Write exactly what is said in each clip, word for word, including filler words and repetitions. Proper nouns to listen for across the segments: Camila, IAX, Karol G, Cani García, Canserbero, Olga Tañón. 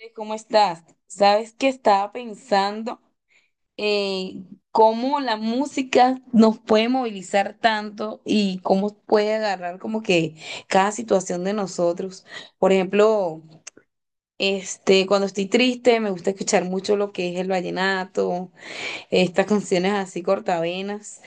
Eh, ¿Cómo estás? Sabes que estaba pensando en cómo la música nos puede movilizar tanto y cómo puede agarrar como que cada situación de nosotros. Por ejemplo, este, cuando estoy triste me gusta escuchar mucho lo que es el vallenato, estas canciones así cortavenas.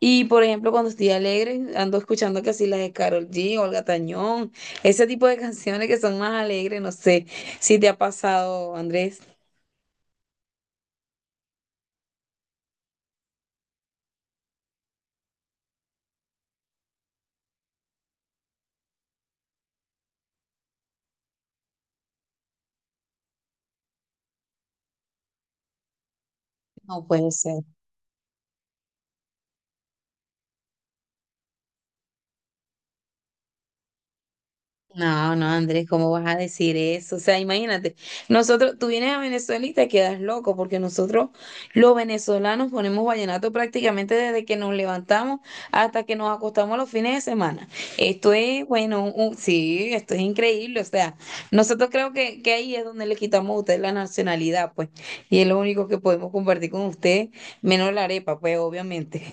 Y por ejemplo, cuando estoy alegre ando escuchando casi las de Karol G, Olga Tañón, ese tipo de canciones que son más alegres, no sé si te ha pasado, Andrés. No puede ser. No, no, Andrés, ¿cómo vas a decir eso? O sea, imagínate, nosotros, tú vienes a Venezuela y te quedas loco, porque nosotros, los venezolanos, ponemos vallenato prácticamente desde que nos levantamos hasta que nos acostamos los fines de semana. Esto es, bueno, un- sí, esto es increíble. O sea, nosotros creo que, que ahí es donde le quitamos a ustedes la nacionalidad, pues, y es lo único que podemos compartir con ustedes, menos la arepa, pues, obviamente.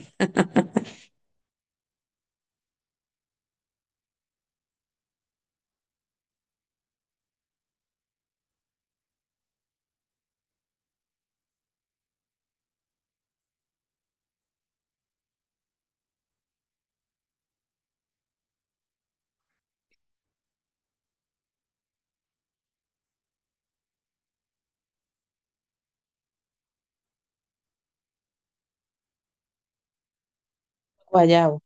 Guayabo.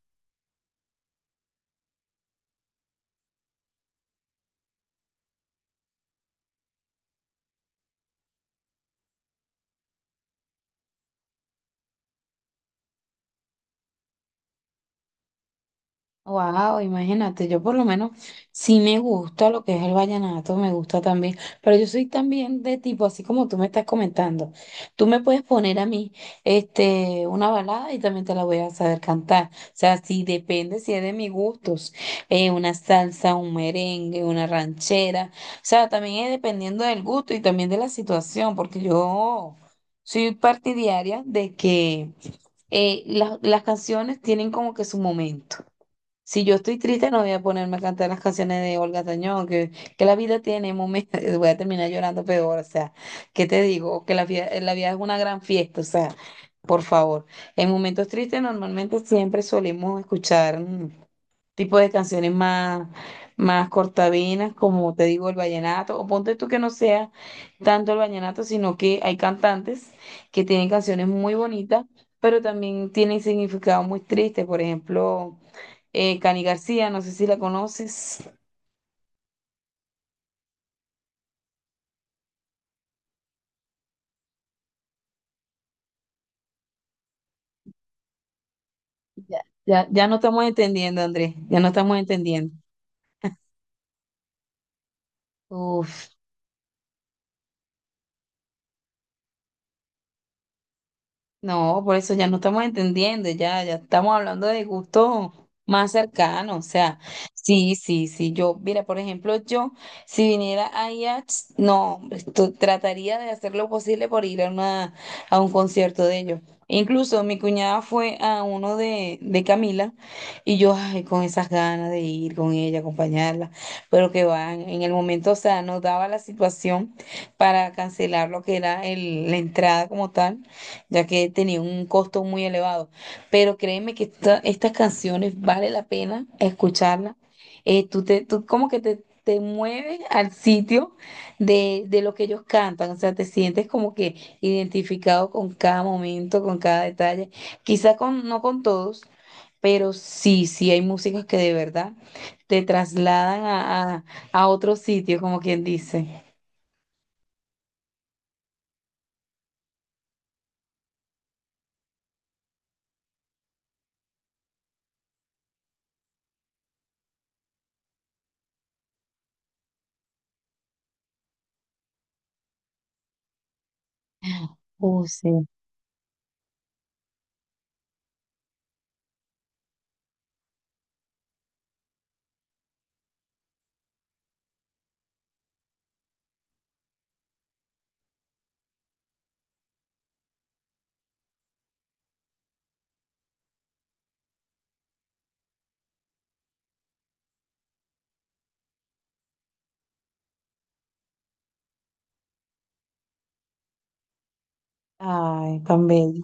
Wow, imagínate, yo por lo menos sí me gusta lo que es el vallenato, me gusta también, pero yo soy también de tipo, así como tú me estás comentando, tú me puedes poner a mí este, una balada y también te la voy a saber cantar, o sea, sí depende si es de mis gustos, eh, una salsa, un merengue, una ranchera, o sea, también es dependiendo del gusto y también de la situación, porque yo soy partidaria de que eh, las las canciones tienen como que su momento. Si yo estoy triste, no voy a ponerme a cantar las canciones de Olga Tañón, que, que la vida tiene momentos, voy a terminar llorando peor, o sea, ¿qué te digo? Que la, fie- la vida es una gran fiesta, o sea, por favor. En momentos tristes normalmente siempre solemos escuchar mm, tipo de canciones más, más cortavenas, como te digo, el vallenato, o ponte tú que no sea tanto el vallenato, sino que hay cantantes que tienen canciones muy bonitas, pero también tienen significado muy triste, por ejemplo, eh, Cani García, no sé si la conoces. Ya, ya, ya no estamos entendiendo, Andrés, ya no estamos entendiendo. Uf. No, por eso ya no estamos entendiendo, ya, ya estamos hablando de gustos más cercanos, o sea, sí, sí, sí, yo, mira, por ejemplo, yo, si viniera a I A X, no, hombre, esto- trataría de hacer lo posible por ir a una, a un concierto de ellos. Incluso mi cuñada fue a uno de, de Camila y yo, ay, con esas ganas de ir con ella, acompañarla, pero que van, en el momento, o sea, nos daba la situación para cancelar lo que era el, la entrada como tal ya que tenía un costo muy elevado. Pero créeme que esta- estas canciones vale la pena escucharlas. Eh, tú, te, tú como que te, te mueves al sitio de, de lo que ellos cantan, o sea, te sientes como que identificado con cada momento, con cada detalle, quizá con, no con todos. Pero sí, sí hay músicas que de verdad te trasladan a, a, a otro sitio, como quien dice. Oh, sí. Ay, tan bello.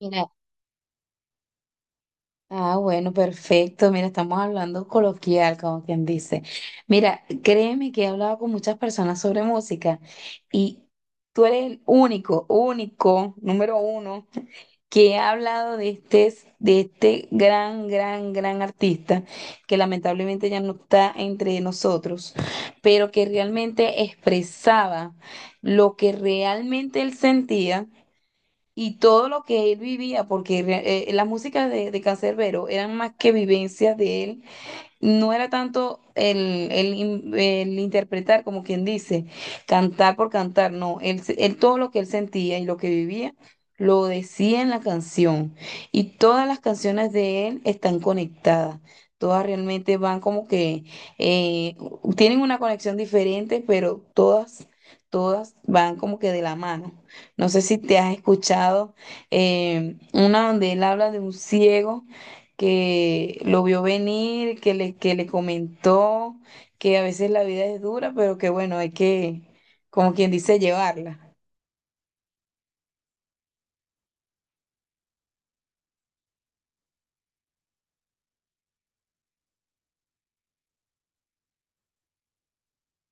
Mira, ah, bueno, perfecto. Mira, estamos hablando coloquial, como quien dice. Mira, créeme que he hablado con muchas personas sobre música y tú eres el único, único, número uno, que ha hablado de este, de este gran, gran, gran artista que lamentablemente ya no está entre nosotros, pero que realmente expresaba lo que realmente él sentía y todo lo que él vivía, porque re- eh, las músicas de, de Canserbero eran más que vivencias de él, no era tanto el, el in- el interpretar, como quien dice, cantar por cantar, no, él, se- él todo lo que él sentía y lo que vivía lo decía en la canción. Y todas las canciones de él están conectadas, todas realmente van como que eh, tienen una conexión diferente, pero todas, todas van como que de la mano. No sé si te has escuchado eh, una donde él habla de un ciego que lo vio venir, que le, que le comentó que a veces la vida es dura, pero que bueno, hay que, como quien dice, llevarla.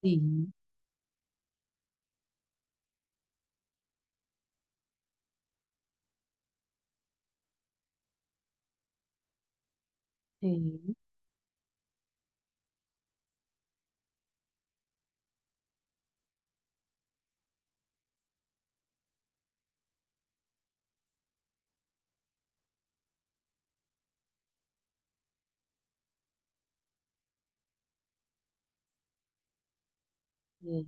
Sí, sí, sí.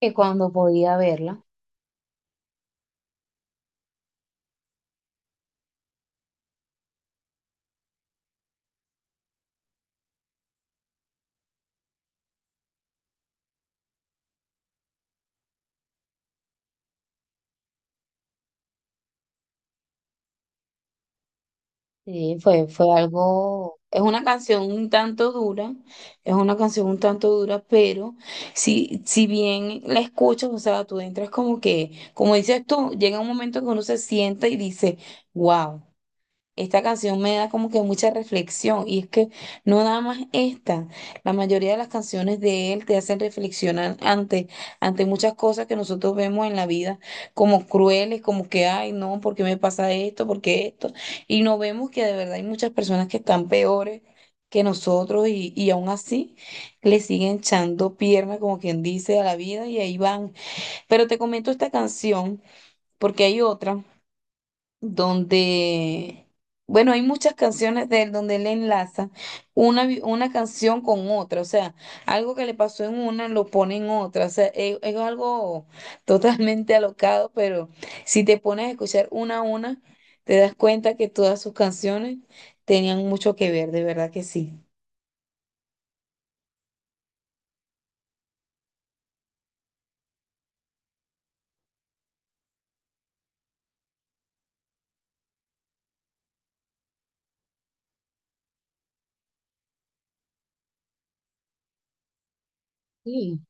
Que cuando podía verla, sí, fue, fue algo, es una canción un tanto dura, es una canción un tanto dura, pero si, si bien la escuchas, o sea, tú entras como que, como dices tú, llega un momento que uno se sienta y dice, wow. Esta canción me da como que mucha reflexión y es que no nada más esta, la mayoría de las canciones de él te hacen reflexionar ante, ante muchas cosas que nosotros vemos en la vida como crueles, como que, ay, no, ¿por qué me pasa esto? ¿Por qué esto? Y no vemos que de verdad hay muchas personas que están peores que nosotros y, y aún así le siguen echando pierna, como quien dice, a la vida y ahí van. Pero te comento esta canción porque hay otra donde, bueno, hay muchas canciones de él donde él enlaza una, vi- una canción con otra, o sea, algo que le pasó en una lo pone en otra, o sea, es, es algo totalmente alocado, pero si te pones a escuchar una a una, te das cuenta que todas sus canciones tenían mucho que ver, de verdad que sí. Sí.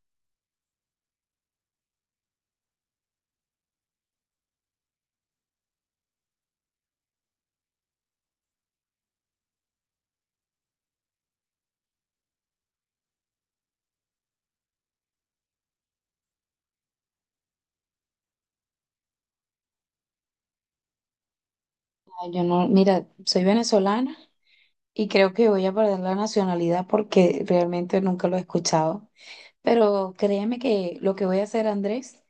Ay, yo no, mira, soy venezolana y creo que voy a perder la nacionalidad porque realmente nunca lo he escuchado. Pero créeme que lo que voy a hacer, Andrés,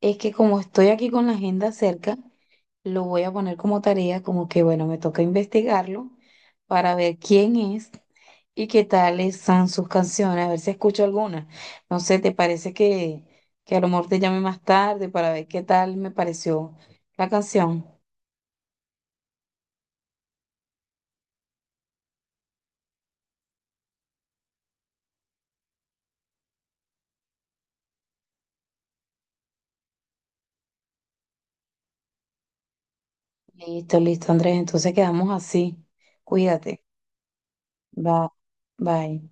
es que como estoy aquí con la agenda cerca, lo voy a poner como tarea, como que bueno, me toca investigarlo para ver quién es y qué tales son sus canciones, a ver si escucho alguna. No sé, ¿te parece que, que a lo mejor te llame más tarde para ver qué tal me pareció la canción? Listo, listo, Andrés, entonces quedamos así. Cuídate. Bye. Bye.